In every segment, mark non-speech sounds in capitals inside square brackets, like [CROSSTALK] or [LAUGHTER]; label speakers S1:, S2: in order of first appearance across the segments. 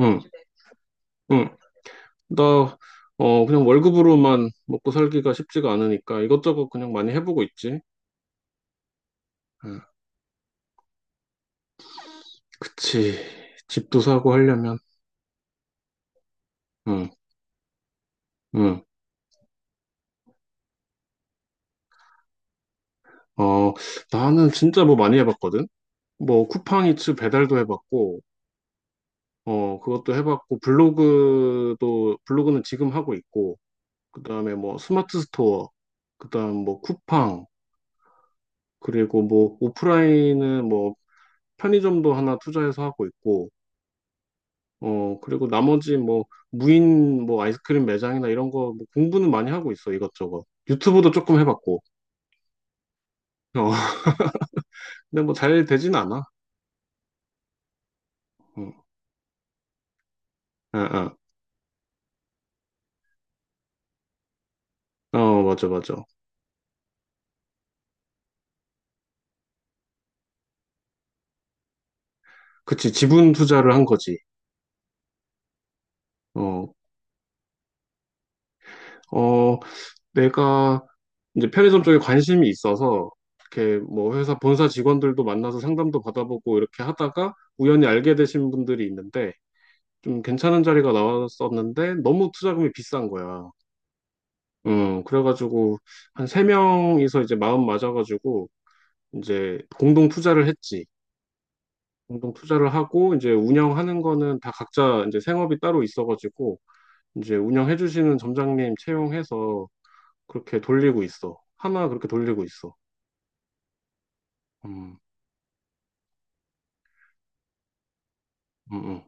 S1: 응, 응. 나, 그냥 월급으로만 먹고 살기가 쉽지가 않으니까 이것저것 그냥 많이 해보고 있지. 응, 그치. 집도 사고 하려면. 응, 응. 어, 나는 진짜 뭐 많이 해봤거든? 뭐 쿠팡이츠 배달도 해봤고, 그것도 해봤고, 블로그는 지금 하고 있고, 그 다음에 뭐 스마트 스토어, 그 다음 뭐 쿠팡, 그리고 뭐 오프라인은 뭐 편의점도 하나 투자해서 하고 있고, 그리고 나머지 뭐 무인 뭐 아이스크림 매장이나 이런 거뭐 공부는 많이 하고 있어, 이것저것. 유튜브도 조금 해봤고. 어, [LAUGHS] 근데 뭐 잘 되진 않아. 응. 아, 아. 어, 맞아, 맞아. 그치, 지분 투자를 한 거지. 어, 어, 내가 이제 편의점 쪽에 관심이 있어서 이렇게 뭐 회사 본사 직원들도 만나서 상담도 받아보고 이렇게 하다가 우연히 알게 되신 분들이 있는데 좀 괜찮은 자리가 나왔었는데 너무 투자금이 비싼 거야. 그래가지고, 한 세 명이서 이제 마음 맞아가지고, 이제 공동 투자를 했지. 공동 투자를 하고, 이제 운영하는 거는 다 각자 이제 생업이 따로 있어가지고, 이제 운영해주시는 점장님 채용해서 그렇게 돌리고 있어. 하나 그렇게 돌리고 있어. 음, 음, 음.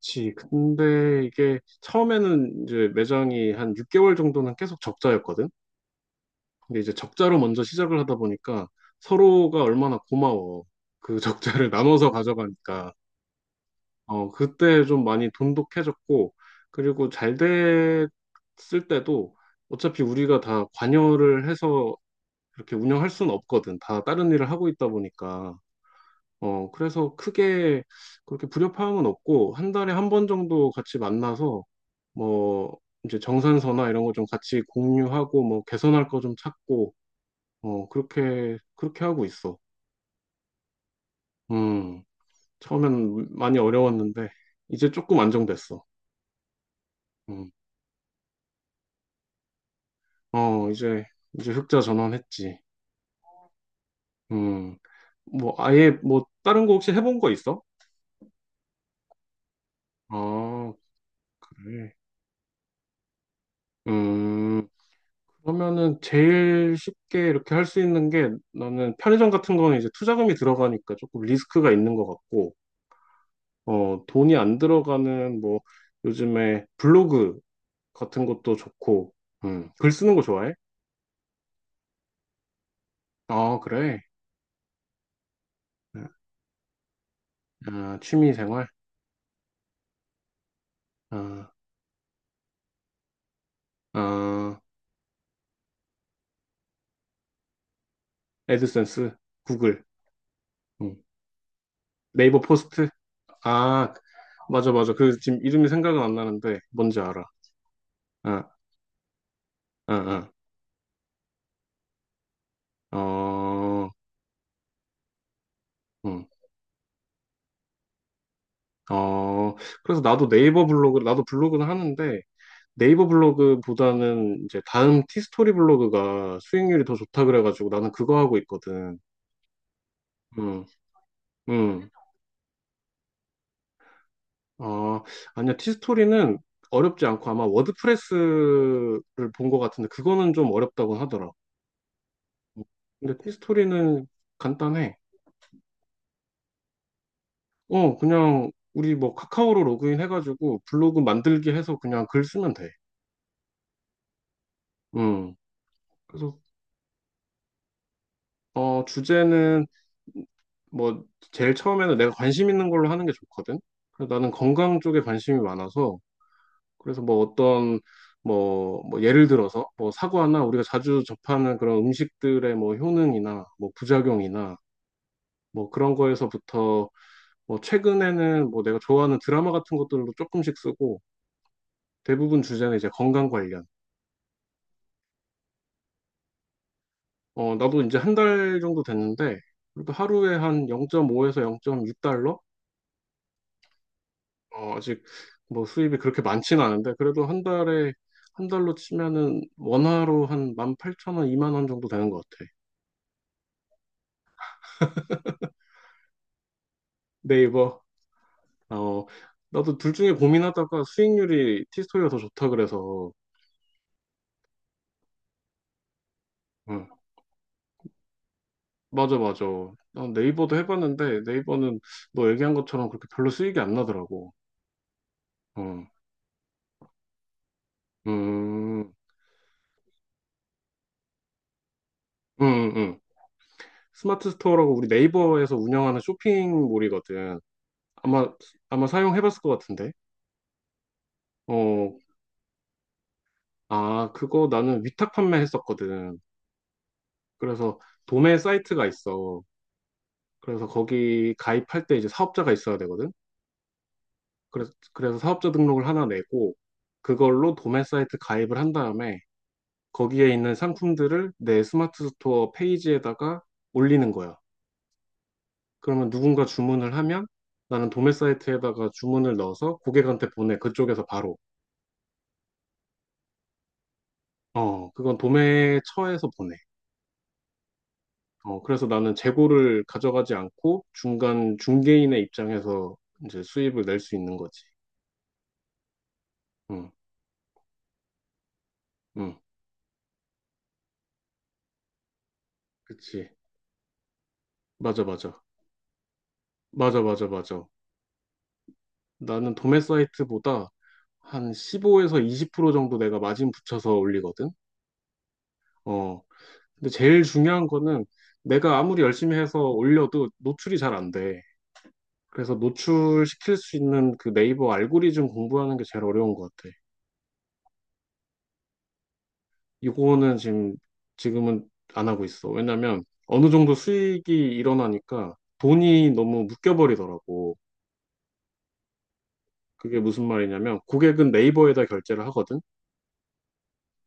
S1: 그치. 근데 이게 처음에는 이제 매장이 한 6개월 정도는 계속 적자였거든? 근데 이제 적자로 먼저 시작을 하다 보니까 서로가 얼마나 고마워. 그 적자를 [LAUGHS] 나눠서 가져가니까. 그때 좀 많이 돈독해졌고, 그리고 잘 됐을 때도 어차피 우리가 다 관여를 해서 이렇게 운영할 수는 없거든. 다 다른 일을 하고 있다 보니까. 그래서 크게 그렇게 불협화음은 없고, 한 달에 한 번 정도 같이 만나서, 뭐, 이제 정산서나 이런 거 좀 같이 공유하고, 뭐, 개선할 거 좀 찾고, 그렇게 하고 있어. 음, 처음엔 많이 어려웠는데, 이제 조금 안정됐어. 음. 어, 이제, 이제 흑자 전환했지. 음, 뭐, 아예, 뭐, 다른 거 혹시 해본 거 있어? 아, 그래. 음, 그러면은 제일 쉽게 이렇게 할 수 있는 게 나는 편의점 같은 거는 이제 투자금이 들어가니까 조금 리스크가 있는 것 같고, 돈이 안 들어가는 뭐, 요즘에 블로그 같은 것도 좋고, 글 쓰는 거 좋아해? 아, 그래. 아, 취미 생활? 아, 아, 애드센스, 구글, 음, 네이버 포스트? 아, 맞아, 맞아. 그 지금 이름이 생각은 안 나는데 뭔지 알아. 응, 응, 응. 어, 응. 어, 그래서 나도 블로그는 하는데 네이버 블로그보다는 이제 다음 티스토리 블로그가 수익률이 더 좋다 그래가지고 나는 그거 하고 있거든. 응, 응. 어, 아니야. 티스토리는 어렵지 않고 아마 워드프레스를 본 것 같은데 그거는 좀 어렵다고 하더라. 응. 근데 티스토리는 간단해. 어, 그냥 우리 뭐 카카오로 로그인 해가지고 블로그 만들기 해서 그냥 글 쓰면 돼. 음. 그래서 주제는 뭐 제일 처음에는 내가 관심 있는 걸로 하는 게 좋거든. 그래서 나는 건강 쪽에 관심이 많아서 그래서 뭐 어떤 뭐, 뭐 예를 들어서 뭐 사과나 우리가 자주 접하는 그런 음식들의 뭐 효능이나 뭐 부작용이나 뭐 그런 거에서부터 뭐 최근에는 뭐 내가 좋아하는 드라마 같은 것들도 조금씩 쓰고 대부분 주제는 이제 건강 관련. 나도 이제 한 달 정도 됐는데, 그래도 하루에 한 0.5에서 0.6달러? 아직 뭐 수입이 그렇게 많지는 않은데, 그래도 한 달에, 한 달로 치면은 원화로 한 18,000원, 2만 원 이만 원 정도 되는 것 같아. 네이버. 어, 나도 둘 중에 고민하다가 수익률이 티스토리가 더 좋다 그래서, 응. 맞아, 맞아. 나 네이버도 해봤는데, 네이버는 너 얘기한 것처럼 그렇게 별로 수익이 안 나더라고. 응. 음, 음, 음. 스마트 스토어라고 우리 네이버에서 운영하는 쇼핑몰이거든. 아마, 아마 사용해봤을 것 같은데. 어, 아, 그거 나는 위탁 판매했었거든. 그래서 도매 사이트가 있어. 그래서 거기 가입할 때 이제 사업자가 있어야 되거든. 그래서 사업자 등록을 하나 내고, 그걸로 도매 사이트 가입을 한 다음에 거기에 있는 상품들을 내 스마트 스토어 페이지에다가 올리는 거야. 그러면 누군가 주문을 하면 나는 도매 사이트에다가 주문을 넣어서 고객한테 보내. 그쪽에서 바로. 어, 그건 도매처에서 보내. 그래서 나는 재고를 가져가지 않고 중간 중개인의 입장에서 이제 수입을 낼 수 있는 거지. 응, 응, 그치. 맞아, 맞아. 맞아, 맞아, 맞아. 나는 도매 사이트보다 한 15에서 20% 정도 내가 마진 붙여서 올리거든. 어, 근데 제일 중요한 거는 내가 아무리 열심히 해서 올려도 노출이 잘 안 돼. 그래서 노출시킬 수 있는 그 네이버 알고리즘 공부하는 게 제일 어려운 것 같아. 이거는 지금은 안 하고 있어. 왜냐면 어느 정도 수익이 일어나니까 돈이 너무 묶여버리더라고. 그게 무슨 말이냐면 고객은 네이버에다 결제를 하거든.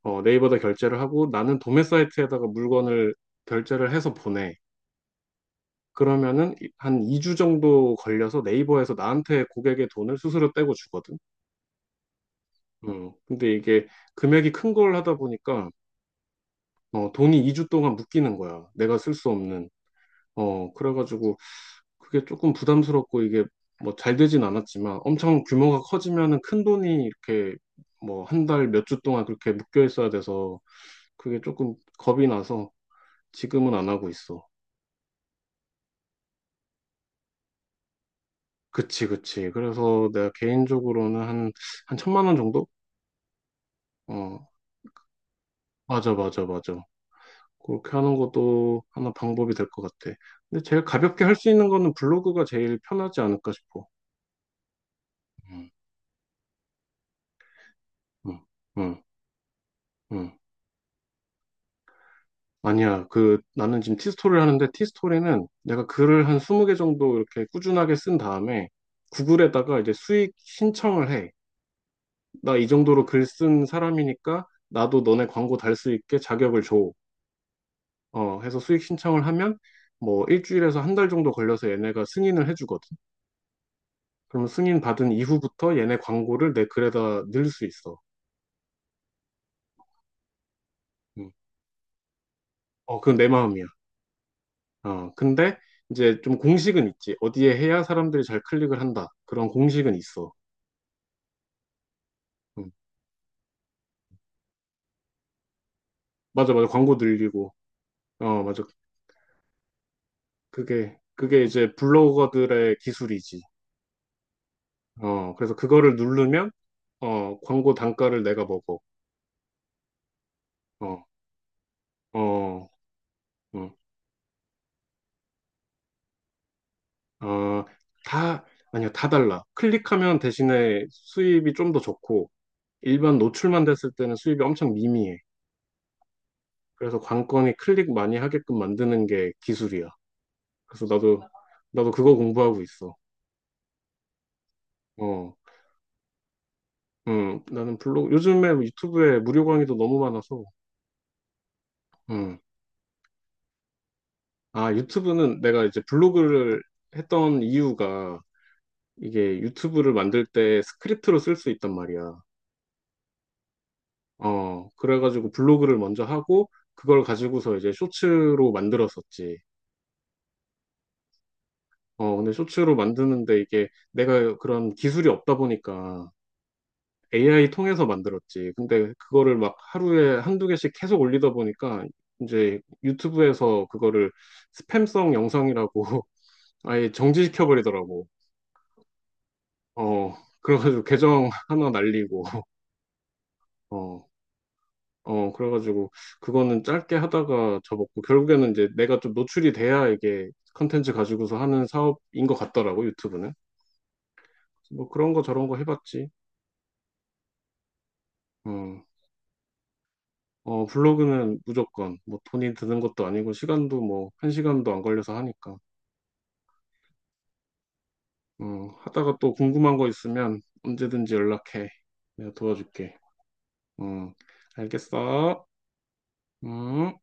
S1: 네이버에다 결제를 하고 나는 도매 사이트에다가 물건을 결제를 해서 보내. 그러면은 이- 한 2주 정도 걸려서 네이버에서 나한테 고객의 돈을 수수료 떼고 주거든. 근데 이게 금액이 큰 걸 하다 보니까 돈이 2주 동안 묶이는 거야. 내가 쓸 수 없는. 그래가지고 그게 조금 부담스럽고 이게 뭐 잘 되진 않았지만 엄청 규모가 커지면은 큰 돈이 이렇게 뭐 한 달 몇 주 동안 그렇게 묶여 있어야 돼서 그게 조금 겁이 나서 지금은 안 하고 있어. 그치, 그치. 그래서 내가 개인적으로는 한, 1,000만 원 정도? 어, 맞아, 맞아, 맞아. 그렇게 하는 것도 하나 방법이 될 것 같아. 근데 제일 가볍게 할 수 있는 거는 블로그가 제일 편하지 않을까 싶어. 응, 응, 응, 응. 아니야. 그 나는 지금 티스토리를 하는데 티스토리는 내가 글을 한 20개 정도 이렇게 꾸준하게 쓴 다음에 구글에다가 이제 수익 신청을 해. 나 이 정도로 글 쓴 사람이니까 나도 너네 광고 달 수 있게 자격을 줘. 해서 수익 신청을 하면 뭐 일주일에서 한 달 정도 걸려서 얘네가 승인을 해주거든. 그러면 승인 받은 이후부터 얘네 광고를 내 글에다 넣을 수 있어. 음. 그건 내 마음이야. 근데 이제 좀 공식은 있지. 어디에 해야 사람들이 잘 클릭을 한다. 그런 공식은 있어. 음. 맞아, 맞아. 광고 늘리고. 어, 맞아. 그게 이제 블로거들의 기술이지. 그래서 그거를 누르면, 광고 단가를 내가 먹어. 어, 어, 어, 어, 다, 아니요, 다 달라. 클릭하면 대신에 수입이 좀 더 좋고, 일반 노출만 됐을 때는 수입이 엄청 미미해. 그래서 관건이 클릭 많이 하게끔 만드는 게 기술이야. 그래서 나도 그거 공부하고 있어. 어, 나는 블로그, 요즘에 유튜브에 무료 강의도 너무 많아서, 응. 아, 유튜브는 내가 이제 블로그를 했던 이유가 이게 유튜브를 만들 때 스크립트로 쓸 수 있단 말이야. 그래가지고 블로그를 먼저 하고 그걸 가지고서 이제 쇼츠로 만들었었지. 근데 쇼츠로 만드는데 이게 내가 그런 기술이 없다 보니까 AI 통해서 만들었지. 근데 그거를 막 하루에 한두 개씩 계속 올리다 보니까 이제 유튜브에서 그거를 스팸성 영상이라고 [LAUGHS] 아예 정지시켜버리더라고. 어, 그래가지고 계정 하나 날리고, 어, 그래가지고 그거는 짧게 하다가 접었고, 결국에는 이제 내가 좀 노출이 돼야 이게 컨텐츠 가지고서 하는 사업인 것 같더라고, 유튜브는. 뭐 그런 거 저런 거 해봤지. 어, 블로그는 무조건 뭐 돈이 드는 것도 아니고 시간도 뭐 한 시간도 안 걸려서 하니까. 하다가 또 궁금한 거 있으면 언제든지 연락해. 내가 도와줄게. 음, 알겠어. 음.